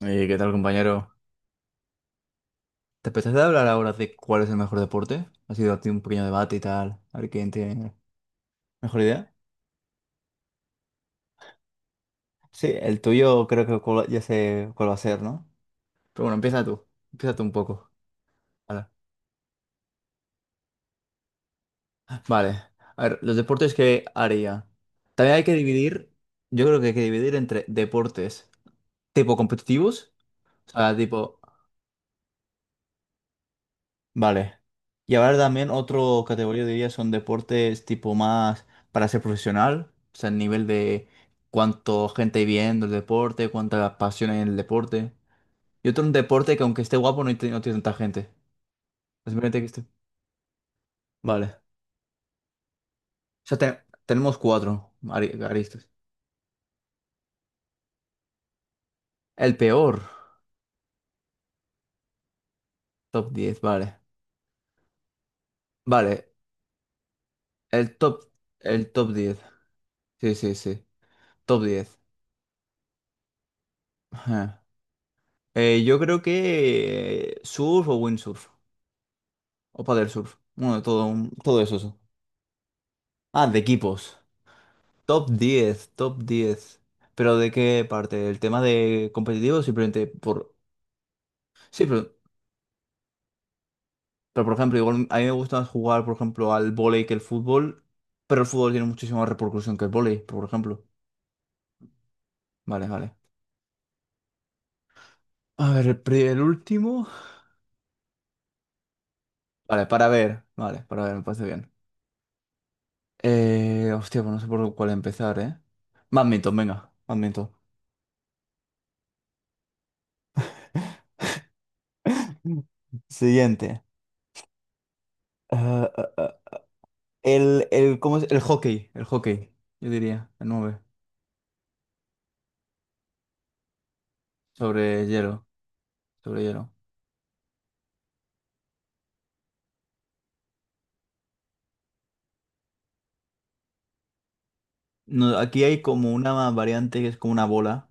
¿Qué tal, compañero? ¿Te apetece hablar ahora de cuál es el mejor deporte? Ha sido aquí un pequeño debate y tal. A ver quién tiene mejor idea. Sí, el tuyo creo que ya sé cuál va a ser, ¿no? Pero bueno, empieza tú. Empieza tú un poco. Vale. Vale. A ver, los deportes que haría. También hay que dividir, yo creo que hay que dividir entre deportes tipo competitivos, o sea, tipo. Vale. Y ahora también otro categoría diría son deportes tipo más para ser profesional, o sea, el nivel de cuánto gente hay viendo el deporte, cuánta pasión hay en el deporte. Y otro un deporte que aunque esté guapo no, tiene no tiene tanta gente. Simplemente que esté. Vale. Sea, te- Tenemos cuatro aristas. El peor, top 10 vale. Vale, el top, el top diez. Sí, sí, sí. Top diez. Ajá. Yo creo que surf o windsurf. O paddle surf. Bueno, de todo, todo eso, eso. Ah, de equipos. Top 10 top diez. ¿Pero de qué parte? ¿El tema de competitivo? Simplemente por... Sí, pero por ejemplo, igual a mí me gusta más jugar, por ejemplo, al vóley que el fútbol, pero el fútbol tiene muchísima más repercusión que el vóley, por ejemplo. Vale, vale. A ver, el, el último. Vale, para ver. Vale, para ver, me parece bien. Hostia, pues no sé por cuál empezar, ¿eh? Badminton, venga, badminton. Siguiente. Ah, ah, el, ¿cómo es? El hockey, yo diría, el 9 sobre hielo, sobre hielo. No, aquí hay como una variante que es como una bola.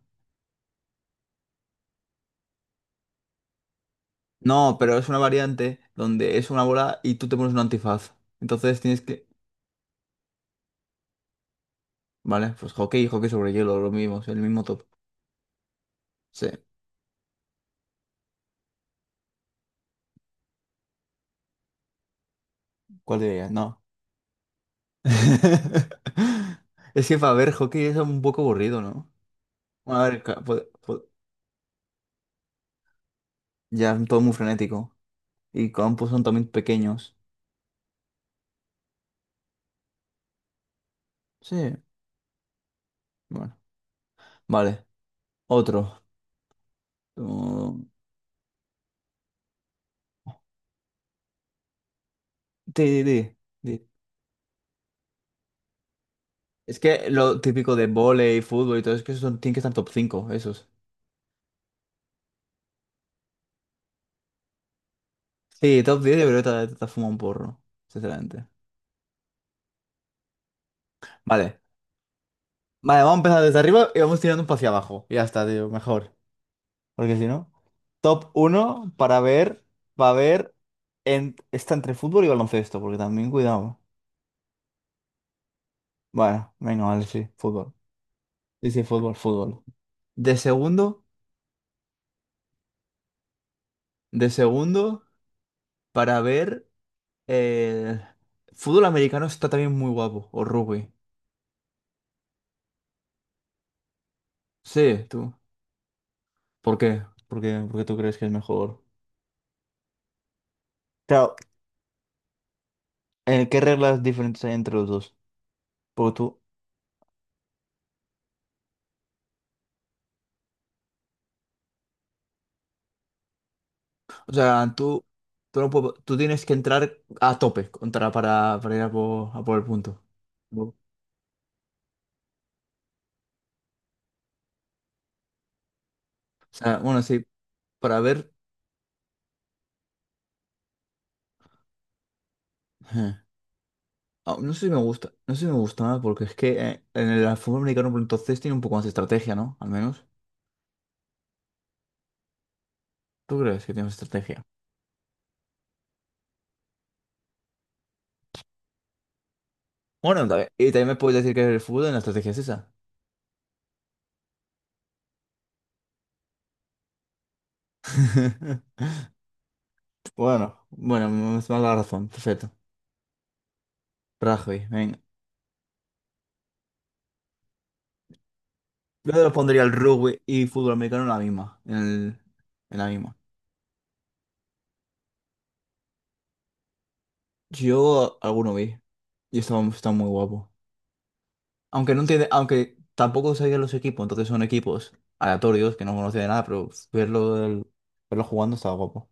No, pero es una variante donde es una bola y tú te pones un antifaz. Entonces tienes que... Vale, pues hockey y hockey sobre hielo, lo mismo, es el mismo top. Sí, ¿cuál dirías? No. Es que para ver hockey es un poco aburrido, ¿no? Bueno, a ver, ya todo muy frenético. Y campos son también pequeños. Sí, bueno. Vale, otro. um, sí, sí, sí. Es que lo típico de vóley, fútbol y todo, es que esos son, tienen que estar top cinco esos. Sí, top 10 pero fuma un porro, sinceramente. Vale. Vale, vamos a empezar desde arriba y vamos tirando un poco hacia abajo. Y ya está, tío, mejor. Porque si no. Top uno para ver, en, está entre fútbol y baloncesto, porque también cuidado. Bueno, venga, vale, sí, fútbol. Sí, sí, fútbol, fútbol. De segundo, de segundo, para ver. El fútbol americano está también muy guapo, o rugby. Sí, tú. ¿Por qué? ¿Por qué, por qué tú crees que es mejor? Claro, ¿qué reglas diferentes hay entre los dos? Porque tú, o sea, tú, no puedes- tú tienes que entrar a tope contra, para ir a por el punto. No. O sea, bueno, sí, para ver... eh, No sé si me gusta, no sé si me gusta nada, porque es que en el fútbol americano, por entonces, tiene un poco más de estrategia, ¿no? Al menos. ¿Tú crees que tiene más estrategia? Bueno, y también me puedes decir que el fútbol en la estrategia es esa. Bueno, bueno, me da la razón, perfecto. Rugby, venga. Yo los pondría el rugby y fútbol americano en la misma, en la misma. Yo alguno vi y estaba, estaba muy guapo. Aunque no entiende, aunque tampoco sabía los equipos, entonces son equipos aleatorios que no conocía de nada, pero verlo, verlo jugando estaba guapo.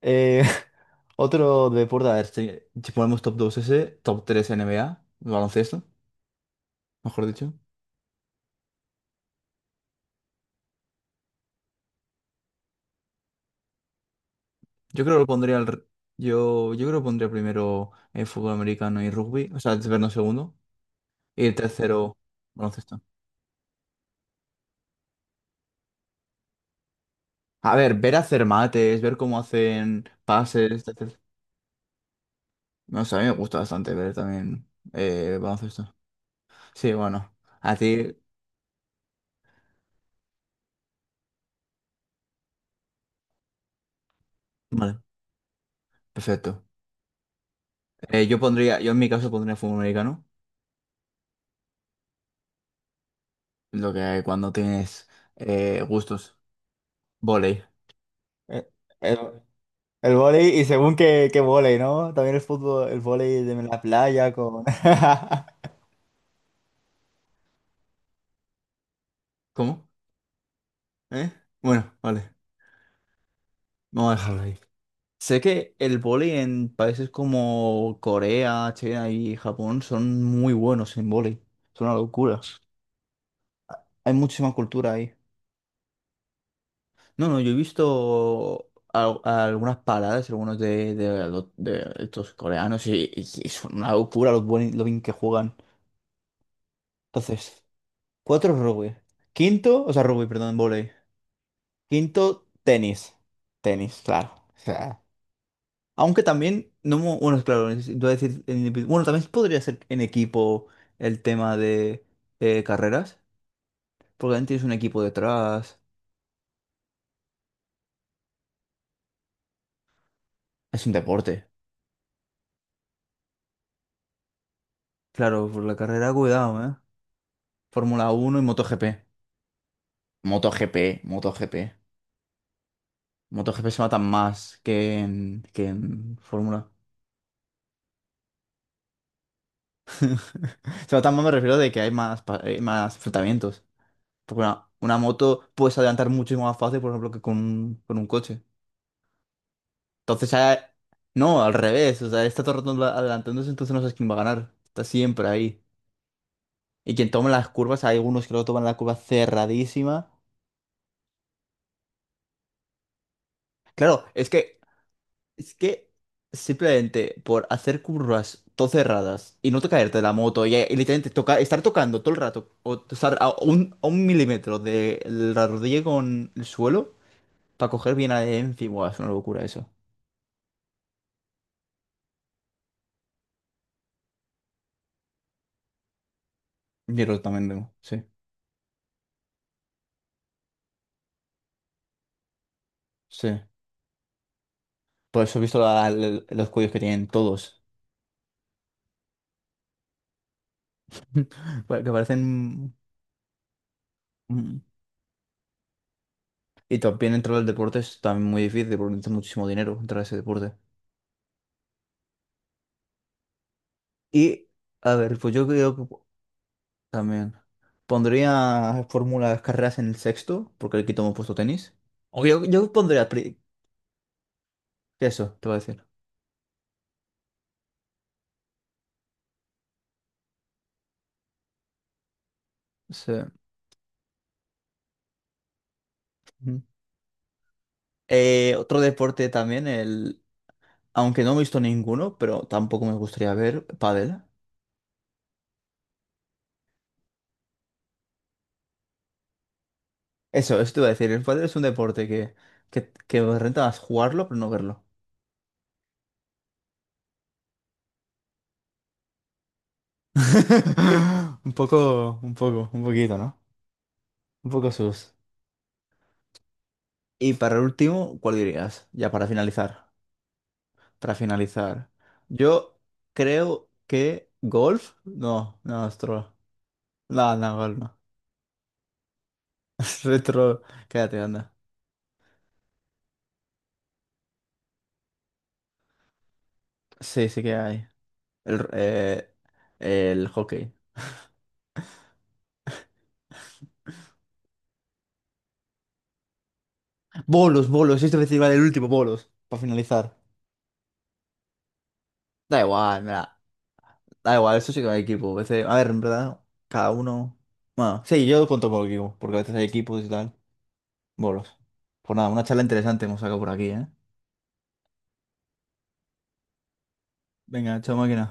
Eh, otro deporte, a ver, si, si ponemos top 2 ese, top 3 NBA, baloncesto. Mejor dicho. Yo creo que lo yo, yo creo que pondría primero fútbol americano y rugby, o sea, el segundo, y el tercero baloncesto. A ver, ver hacer mates, ver cómo hacen pases, etc. No sé, a mí me gusta bastante ver también baloncesto. Sí, bueno, a ti, vale, perfecto. Yo pondría, yo en mi caso pondría fútbol americano, lo que cuando tienes gustos, vóley. Eh, eh, El vóley, y según qué, qué vóley, ¿no? También el fútbol, el vóley de la playa con... ¿Cómo? ¿Eh? Bueno, vale, vamos a dejarlo ahí. Sé que el vóley en países como Corea, China y Japón son muy buenos en vóley. Son una locura. Hay muchísima cultura ahí. No, no, yo he visto algunas paradas, algunos de estos coreanos y, y son una locura lo bien que juegan. Entonces. Cuatro rugby. Quinto, o sea, rugby, perdón, vóley. Quinto, tenis. Tenis, claro. O sea, aunque también, no, bueno, claro, iba a decir, en bueno, también podría ser en equipo el tema de carreras, porque también tienes un equipo detrás. Es un deporte. Claro, por la carrera, cuidado, ¿eh? Fórmula uno y MotoGP. MotoGP, MotoGP. MotoGP se matan más que en Fórmula. Se matan más, me refiero de que hay más, hay más enfrentamientos. Porque una moto puedes adelantar muchísimo más fácil, por ejemplo, que con, con un coche. Entonces, no, al revés. O sea, está todo el rato adelantándose, entonces no sabes quién va a ganar. Está siempre ahí. Y quien toma las curvas, hay algunos que lo toman la curva cerradísima. Claro, es que simplemente por hacer curvas todo cerradas y no te caerte de la moto y literalmente toca, estar tocando todo el rato o estar a un milímetro de la rodilla con el suelo para coger bien adherencia, buah, es una locura eso. Yo creo que también tengo, sí, sí. Por eso he visto los cuellos que tienen todos. Pa- Que parecen... mm. Y también entrar al deporte es también muy difícil porque necesitas muchísimo dinero entrar a ese deporte. Y, a ver, pues yo creo que también pondría fórmulas, carreras en el sexto, porque aquí tomo puesto tenis. O yo, eso, te voy a decir. Sí. Ujú. Otro deporte también, el... Aunque no he visto ninguno, pero tampoco me gustaría ver, pádel. Eso te iba a decir. El pádel es un deporte que renta más jugarlo, pero no verlo. Un poco, un poco, un poquito, ¿no? Un poco sus. Y para último, ¿cuál dirías? Ya para finalizar. Para finalizar. Yo creo que golf. No, no, es troll. No, no, golf no. Es troll. Cállate, anda. Sí, sí que hay. El, eh, el hockey. Bolos, bolos. Esto iba a decir, vale, el último, bolos. Para finalizar. Da igual, mira. Da igual, eso sí que hay equipo. A veces, a ver, en verdad, cada uno. Bueno, sí, yo cuento por equipo, porque a veces hay equipos y tal. Bolos. Pues nada, una charla interesante hemos sacado por aquí, ¿eh? Venga, chao máquina.